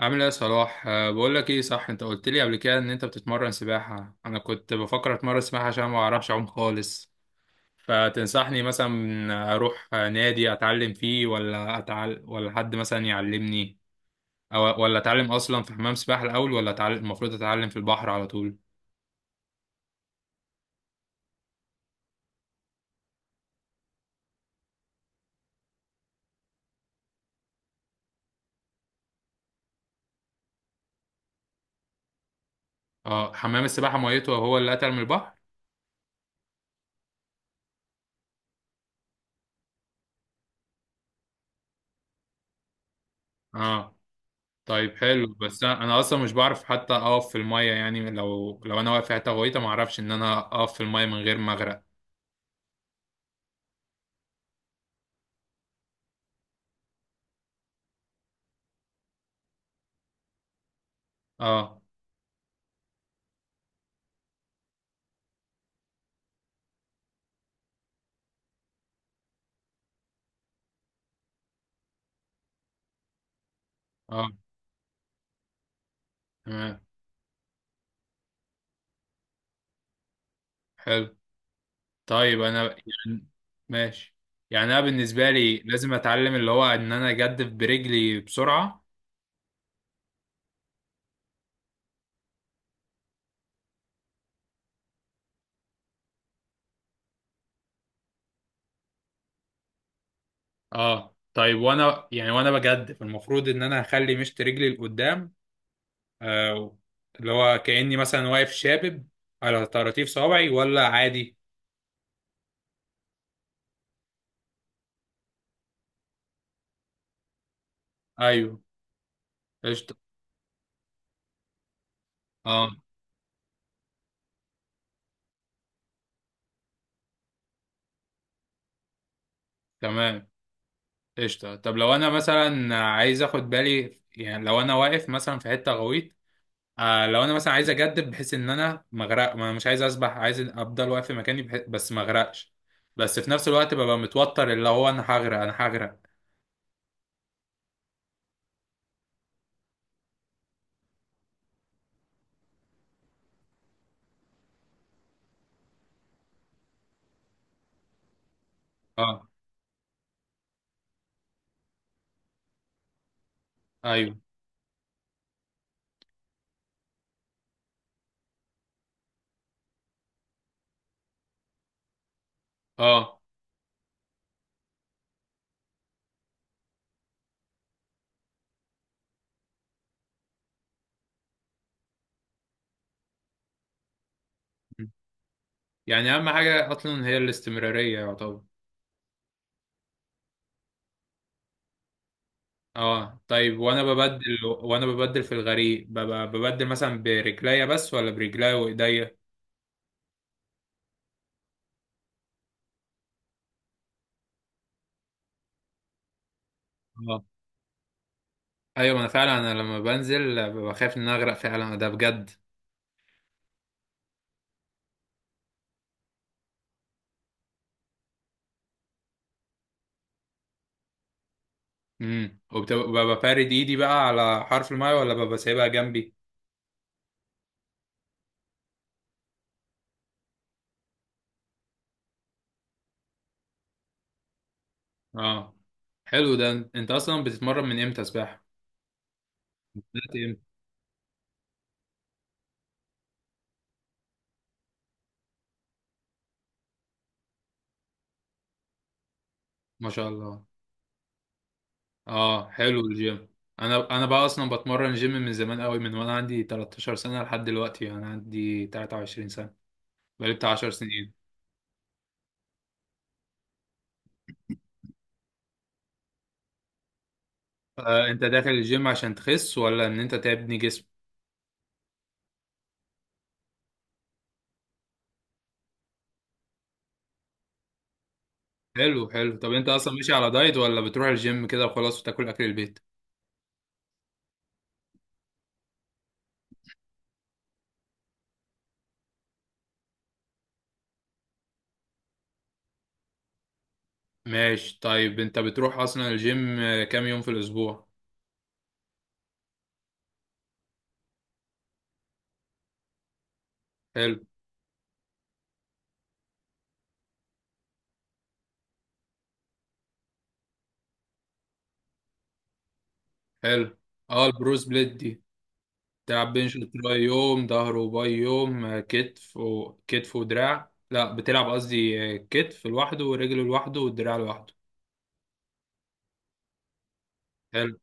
عامل ايه يا صلاح؟ بقول لك ايه، صح؟ انت قلت لي قبل كده ان انت بتتمرن سباحة. انا كنت بفكر اتمرن سباحة عشان ما اعرفش اعوم خالص. فتنصحني مثلا اروح نادي اتعلم فيه، ولا ولا حد مثلا يعلمني، او ولا اتعلم اصلا في حمام سباحة الاول، ولا المفروض اتعلم في البحر على طول؟ اه، حمام السباحة ميته هو اللي اتقل من البحر؟ اه طيب حلو. بس انا اصلا مش بعرف حتى اقف في المية، يعني لو انا واقف في حتة غويطة ما اعرفش ان انا اقف في المية من غير ما اغرق. اه، اه، تمام. حلو، طيب انا، يعني ماشي. يعني انا بالنسبه لي لازم اتعلم اللي هو ان انا اجدف برجلي بسرعه. اه طيب، وانا بجدف المفروض ان انا هخلي مشط رجلي لقدام، آه، اللي هو كاني مثلا واقف شابب على طراطيف صوابعي ولا عادي؟ ايوه، قشطه. اه تمام، قشطه. طب لو انا مثلا عايز اخد بالي، يعني لو انا واقف مثلا في حته غويطه، لو انا مثلا عايز اجدد بحيث ان انا ما اغرق، ما انا مش عايز اسبح، عايز افضل واقف في مكاني بس ما اغرقش، بس في نفس الوقت ببقى متوتر اللي هو انا هغرق انا هغرق. اه. ايوه. اه. يعني اهم حاجه اصلا هي الاستمراريه يعتبر؟ اه طيب، وانا ببدل في الغريق ببقى ببدل مثلا برجليا بس، ولا برجليا وايديا؟ اه، ايوه، ما انا فعلا انا لما بنزل ببقى خايف ان أنا اغرق فعلا ده بجد. امم وببقى فارد ايدي بقى على حرف المايه، ولا ببقى سايبها جنبي؟ اه حلو. ده انت اصلا بتتمرن من امتى سباحة؟ بدأت امتى؟ ما شاء الله. اه حلو الجيم. انا بقى اصلا بتمرن جيم من زمان قوي، من وانا عندي 13 سنة لحد دلوقتي انا عندي 23 سنة. بقالي بتاع 10 سنين. آه، انت داخل الجيم عشان تخس ولا ان انت تبني جسم؟ حلو حلو. طب انت اصلا ماشي على دايت ولا بتروح الجيم كده وخلاص وتاكل اكل البيت؟ ماشي. طيب انت بتروح اصلا الجيم كام يوم في الاسبوع؟ حلو حلو. اه، البروس بليت دي تلعب بنش وتراي يوم، ظهر وباي يوم، كتف وكتف ودراع؟ لا، بتلعب قصدي كتف لوحده ورجل لوحده والدراع لوحده؟ حلو.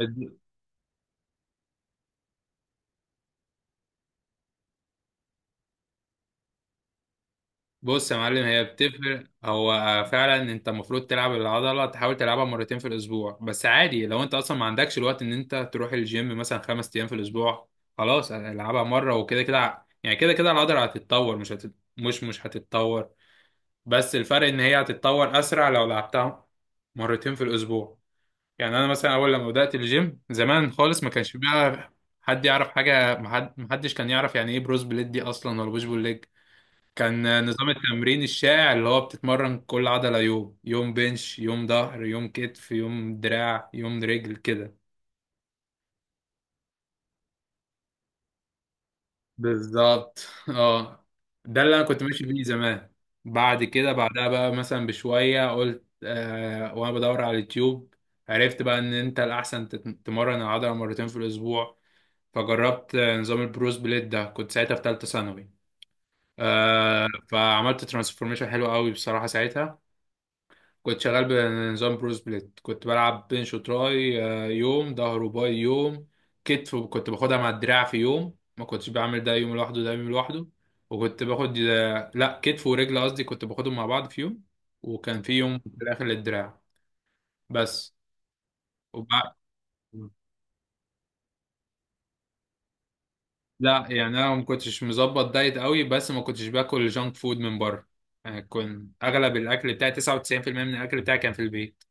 الد- بص يا معلم، هي بتفرق. هو فعلا انت المفروض تلعب العضله، تحاول تلعبها مرتين في الاسبوع، بس عادي لو انت اصلا ما عندكش الوقت ان انت تروح الجيم مثلا 5 ايام في الاسبوع، خلاص العبها مره وكده. كده يعني كده كده العضله هتتطور، مش هتتطور، بس الفرق ان هي هتتطور اسرع لو لعبتها مرتين في الاسبوع. يعني انا مثلا اول لما بدات الجيم زمان خالص ما كانش بقى حد يعرف حاجه. ما حدش كان يعرف يعني ايه بروز بليت دي اصلا ولا بوش بول ليج. كان نظام التمرين الشائع اللي هو بتتمرن كل عضله يوم، يوم بنش، يوم ظهر، يوم كتف، يوم دراع، يوم رجل كده. بالظبط اه. ده اللي انا كنت ماشي بيه زمان. بعد كده بعدها بقى مثلا بشويه، قلت وانا بدور على اليوتيوب، عرفت بقى ان انت الاحسن تتمرن العضله مرتين في الاسبوع. فجربت نظام البروس بليد ده، كنت ساعتها في ثالثه ثانوي. فعملت ترانسفورميشن حلو قوي بصراحه ساعتها. كنت شغال بنظام بروس بليد، كنت بلعب بنش وتراي، يوم ظهر وباي يوم. كتف كنت باخدها مع الدراع في يوم، ما كنتش بعمل ده يوم لوحده ده يوم لوحده. وكنت باخد لا، كتف ورجل قصدي، كنت باخدهم مع بعض في يوم، وكان في يوم في الاخر للدراع بس. وبعد لا، يعني انا ما كنتش مظبط دايت قوي، بس ما كنتش باكل جانك فود من بره. يعني كنت اغلب الاكل بتاعي، 99% من الاكل بتاعي كان في البيت.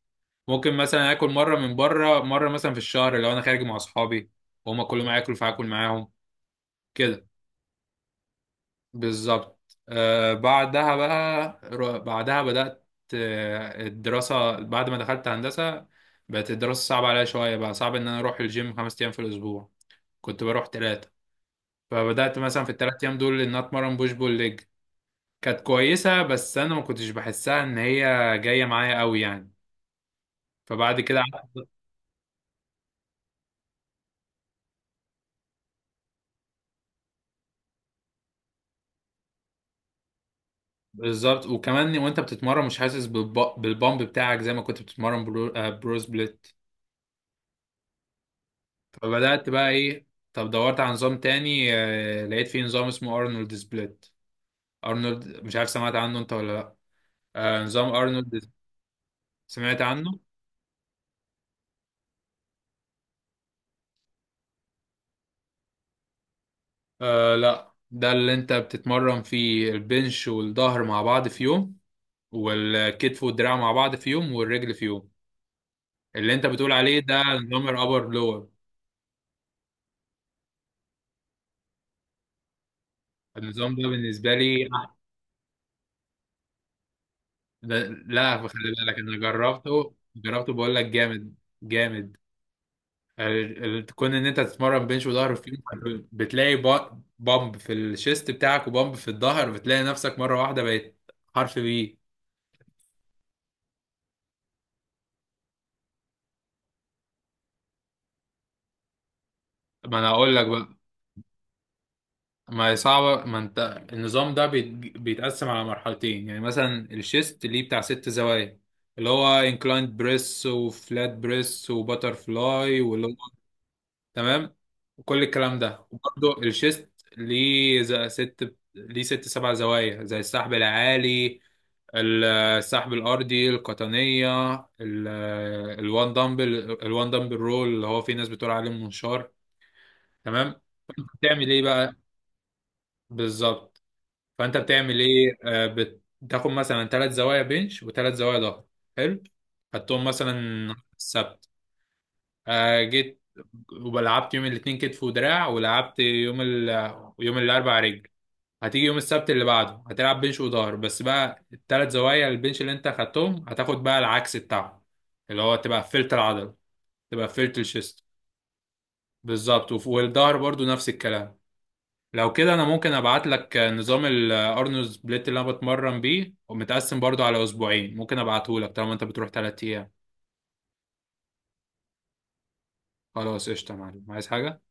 ممكن مثلا اكل مره من بره، مره مثلا في الشهر لو انا خارج مع اصحابي وهما كلهم هياكلوا فهاكل معاهم كده. بالظبط آه. بعدها بقى بعدها بدأت الدراسة بعد ما دخلت هندسة. بقت الدراسة صعبة عليا شوية، بقى صعب إن أنا أروح الجيم 5 أيام في الأسبوع، كنت بروح تلاتة. فبدأت مثلا في الثلاث أيام دول إن أنا أتمرن بوش بول ليج. كانت كويسة بس أنا ما كنتش بحسها إن هي جاية معايا قوي يعني. فبعد كده بالظبط. وكمان وأنت بتتمرن مش حاسس بالبامب بتاعك زي ما كنت بتتمرن برو سبليت. فبدأت بقى إيه، طب دورت على نظام تاني، لقيت فيه نظام اسمه أرنولد سبليت. أرنولد مش عارف سمعت عنه أنت ولا لأ؟ نظام أرنولد. سمعت عنه؟ آه لأ، ده اللي أنت بتتمرن فيه البنش والظهر مع بعض في يوم والكتف والدراع مع بعض في يوم والرجل في يوم. اللي انت بتقول عليه ده نظام الابر لور. النظام ده بالنسبه لي لا، خلي بالك، انا جربته، جربته بقول لك جامد، جامد. تكون ان انت تتمرن بنش وظهر في يوم، بتلاقي بامب في الشيست بتاعك وبامب في الظهر، بتلاقي نفسك مره واحده بقيت حرف بي. ما انا هقول لك بقى. ما هي صعبة، ما انت النظام ده بيتقسم على مرحلتين. يعني مثلا الشيست ليه بتاع ست زوايا، اللي هو انكلايند بريس وفلات بريس وباتر فلاي واللي هو، تمام، وكل الكلام ده. وبرضه الشيست ليه ست ليه ست سبع زوايا زي السحب العالي، السحب الأرضي القطنية، ال- الوان دمبل رول اللي هو في ناس بتقول عليه المنشار. تمام. تعمل ايه بقى؟ بالظبط. فانت بتعمل ايه، بتاخد مثلا ثلاث زوايا بنش وثلاث زوايا ظهر. حلو. خدتهم مثلا السبت، جيت ولعبت يوم الاثنين كتف ودراع، ولعبت يوم الاربع رجل. هتيجي يوم السبت اللي بعده هتلعب بنش وظهر، بس بقى الثلاث زوايا البنش اللي انت خدتهم هتاخد بقى العكس بتاعهم، اللي هو تبقى قفلت العضله، تبقى قفلت الشيست. بالظبط. والظهر برضو نفس الكلام. لو كده انا ممكن ابعت لك نظام الارنولد سبليت اللي انا بتمرن بيه ومتقسم برضو على اسبوعين. ممكن ابعته لك طالما انت بتروح 3 ايام. خلاص قشطه يا معلم، عايز حاجه؟